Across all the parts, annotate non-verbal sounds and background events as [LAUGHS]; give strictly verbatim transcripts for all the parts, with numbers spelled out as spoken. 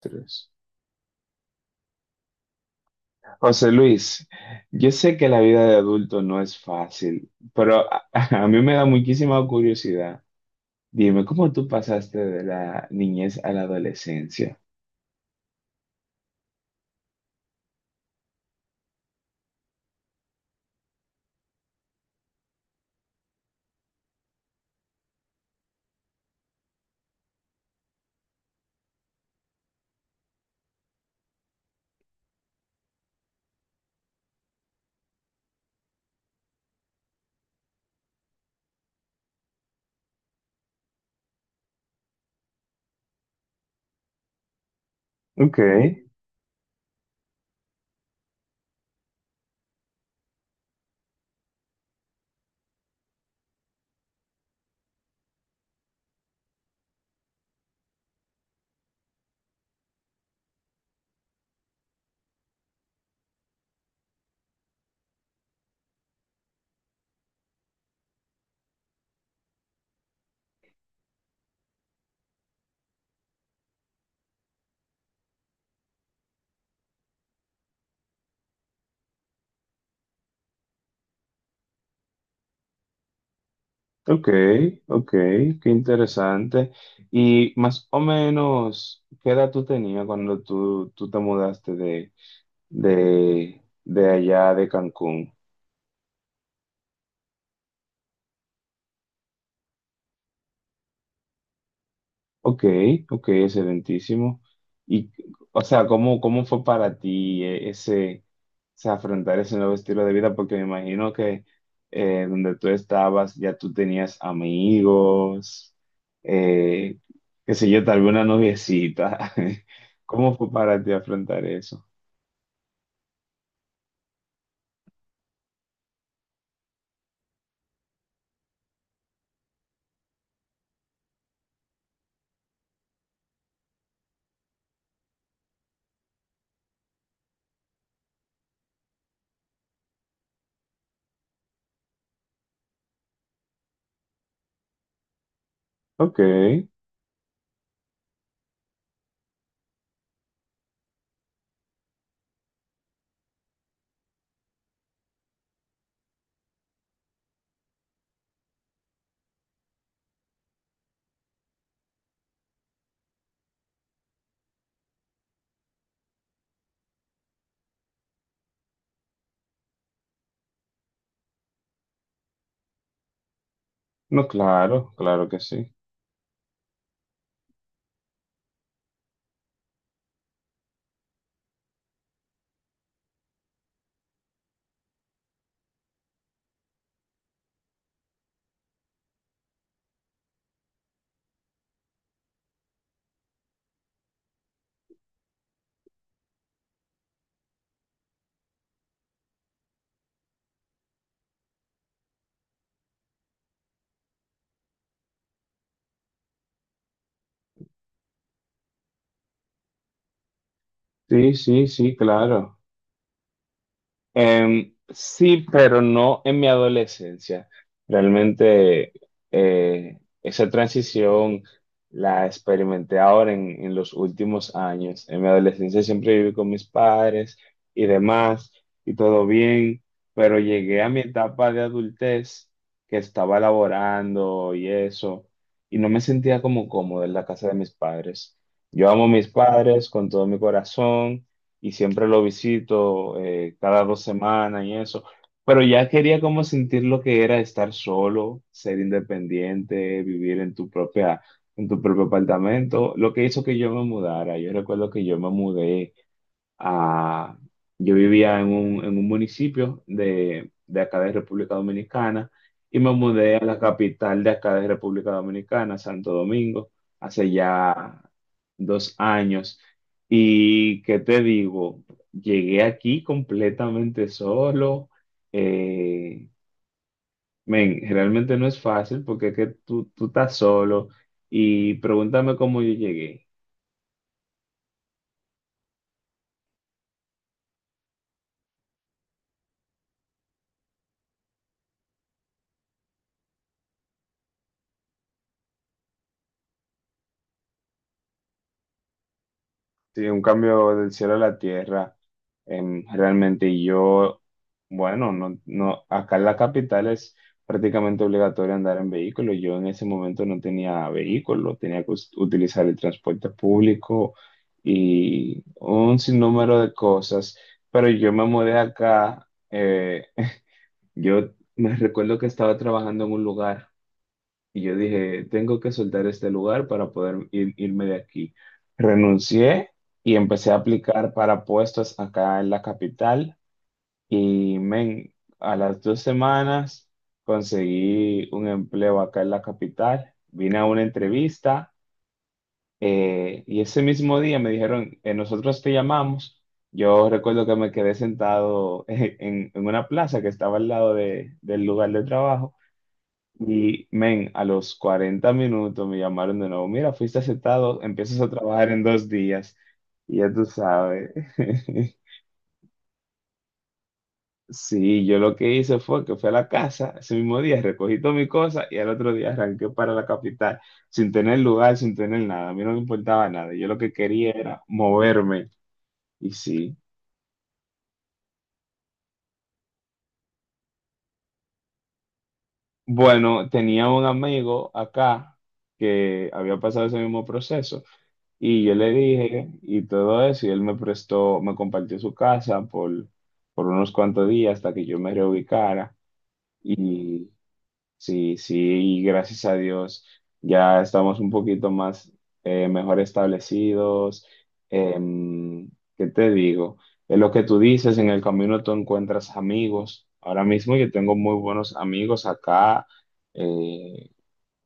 Tres. José Luis, yo sé que la vida de adulto no es fácil, pero a, [LAUGHS] a mí me da muchísima curiosidad. Dime, ¿cómo tú pasaste de la niñez a la adolescencia? Ok, ok, ok, qué interesante. Y más o menos, ¿qué edad tú tenías cuando tú, tú te mudaste de, de, de allá de Cancún? Ok, ok, excelentísimo. Y, o sea, ¿cómo, cómo fue para ti eh, ese, o sea, afrontar ese nuevo estilo de vida? Porque me imagino que eh, donde tú estabas ya tú tenías amigos, eh, qué sé yo, tal vez una noviecita. [LAUGHS] ¿Cómo fue para ti afrontar eso? Ok, no, claro, claro que sí. Sí, sí, sí, claro. Em, sí, pero no en mi adolescencia. Realmente eh, esa transición la experimenté ahora en, en los últimos años. En mi adolescencia siempre viví con mis padres y demás, y todo bien, pero llegué a mi etapa de adultez que estaba laborando y eso, y no me sentía como cómodo en la casa de mis padres. Yo amo a mis padres con todo mi corazón y siempre lo visito eh, cada dos semanas y eso. Pero ya quería como sentir lo que era estar solo, ser independiente, vivir en tu propia, en tu propio apartamento, lo que hizo que yo me mudara. Yo recuerdo que yo me mudé Ah, yo vivía en un, en un municipio de, de acá de República Dominicana y me mudé a la capital de acá de República Dominicana, Santo Domingo, hace ya dos años. Y qué te digo, llegué aquí completamente solo. eh, Men, realmente no es fácil porque es que tú, tú estás solo y pregúntame cómo yo llegué. Sí, un cambio del cielo a la tierra, em, realmente. Y yo, bueno, no, no, acá en la capital es prácticamente obligatorio andar en vehículo. Yo en ese momento no tenía vehículo, tenía que us- utilizar el transporte público y un sinnúmero de cosas. Pero yo me mudé acá, eh, yo me recuerdo que estaba trabajando en un lugar. Y yo dije, tengo que soltar este lugar para poder ir- irme de aquí. Renuncié y empecé a aplicar para puestos acá en la capital. Y men, a las dos semanas conseguí un empleo acá en la capital. Vine a una entrevista eh, y ese mismo día me dijeron, "Eh, nosotros te llamamos. Yo recuerdo que me quedé sentado [LAUGHS] en, en una plaza que estaba al lado de- del lugar de trabajo. Y, men, a los cuarenta minutos me llamaron de nuevo. Mira, fuiste aceptado, empiezas a trabajar en dos días. Y ya tú sabes. [LAUGHS] Sí, yo lo que hice fue que fui a la casa ese mismo día, recogí todas mis cosas y al otro día arranqué para la capital, sin tener lugar, sin tener nada. A mí no me importaba nada. Yo lo que quería era moverme. Y sí. Bueno, tenía un amigo acá que había pasado ese mismo proceso. Y yo le dije y todo eso, y él me prestó, me compartió su casa por, por unos cuantos días hasta que yo me reubicara. Y sí, sí, y gracias a Dios ya estamos un poquito más, eh, mejor establecidos. Em, ¿qué te digo? Es lo que tú dices, en el camino tú encuentras amigos. Ahora mismo yo tengo muy buenos amigos acá. eh,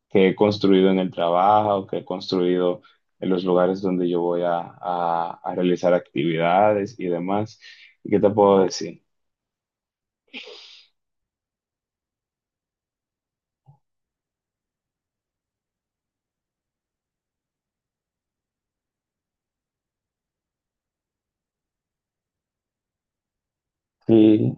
que he construido en el trabajo, que he construido en los lugares donde yo voy a, a- a realizar actividades y demás. ¿Y qué te puedo decir? Sí,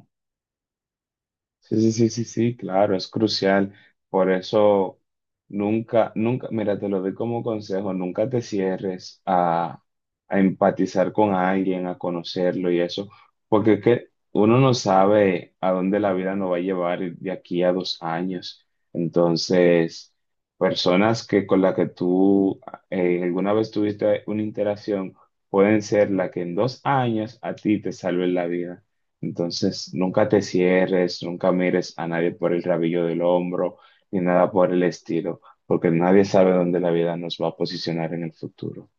sí, sí, sí, sí, sí, claro, es crucial. Por eso nunca, nunca, mira, te lo doy como consejo, nunca te cierres a, a empatizar con alguien, a conocerlo y eso, porque es que uno no sabe a dónde la vida nos va a llevar de aquí a dos años. Entonces, personas que con las que tú eh, alguna vez tuviste una interacción pueden ser la que en dos años a ti te salven la vida. Entonces, nunca te cierres, nunca mires a nadie por el rabillo del hombro, ni nada por el estilo, porque nadie sabe dónde la vida nos va a posicionar en el futuro.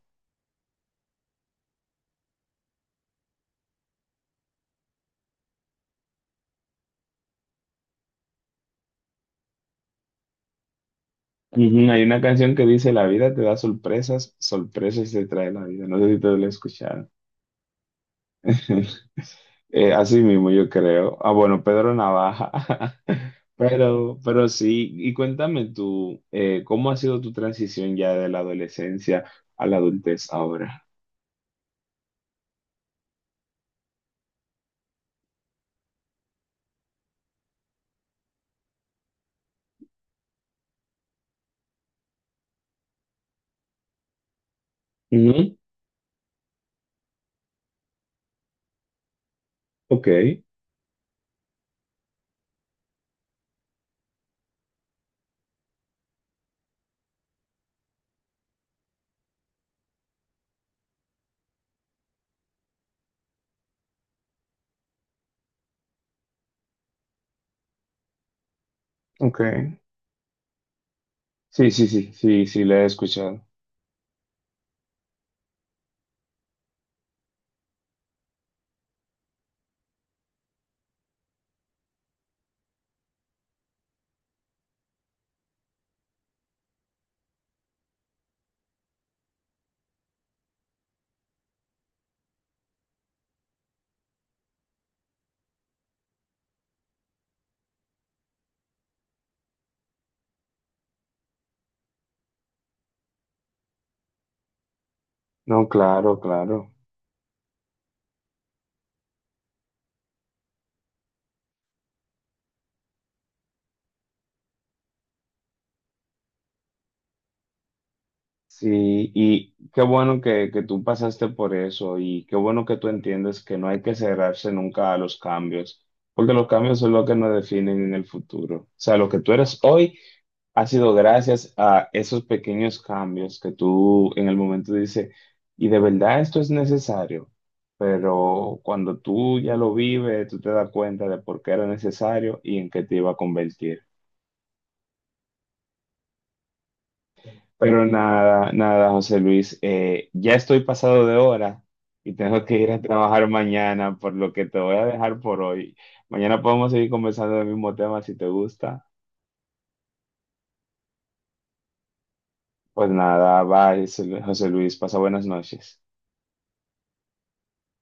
Ujú, hay una canción que dice, la vida te da sorpresas, sorpresas te trae la vida. No sé si te lo he escuchado. [LAUGHS] Eh, así mismo yo creo. Ah, bueno, Pedro Navaja. [LAUGHS] Pero, pero sí, y cuéntame tú, eh, ¿cómo ha sido tu transición ya de la adolescencia a la adultez ahora? Ujú, ok, ok. Sí, sí, sí, sí, sí, la he escuchado. No, claro, claro. Sí, y qué bueno que, que tú pasaste por eso y qué bueno que tú entiendes que no hay que cerrarse nunca a los cambios, porque los cambios son lo que nos definen en el futuro. O sea, lo que tú eres hoy ha sido gracias a esos pequeños cambios que tú en el momento dices, y de verdad esto es necesario, pero cuando tú ya lo vives, tú te das cuenta de por qué era necesario y en qué te iba a convertir. Pero nada, nada, José Luis, eh, ya estoy pasado de hora y tengo que ir a trabajar mañana, por lo que te voy a dejar por hoy. Mañana podemos seguir conversando del mismo tema si te gusta. Pues nada, bye, José Luis, pasa buenas noches.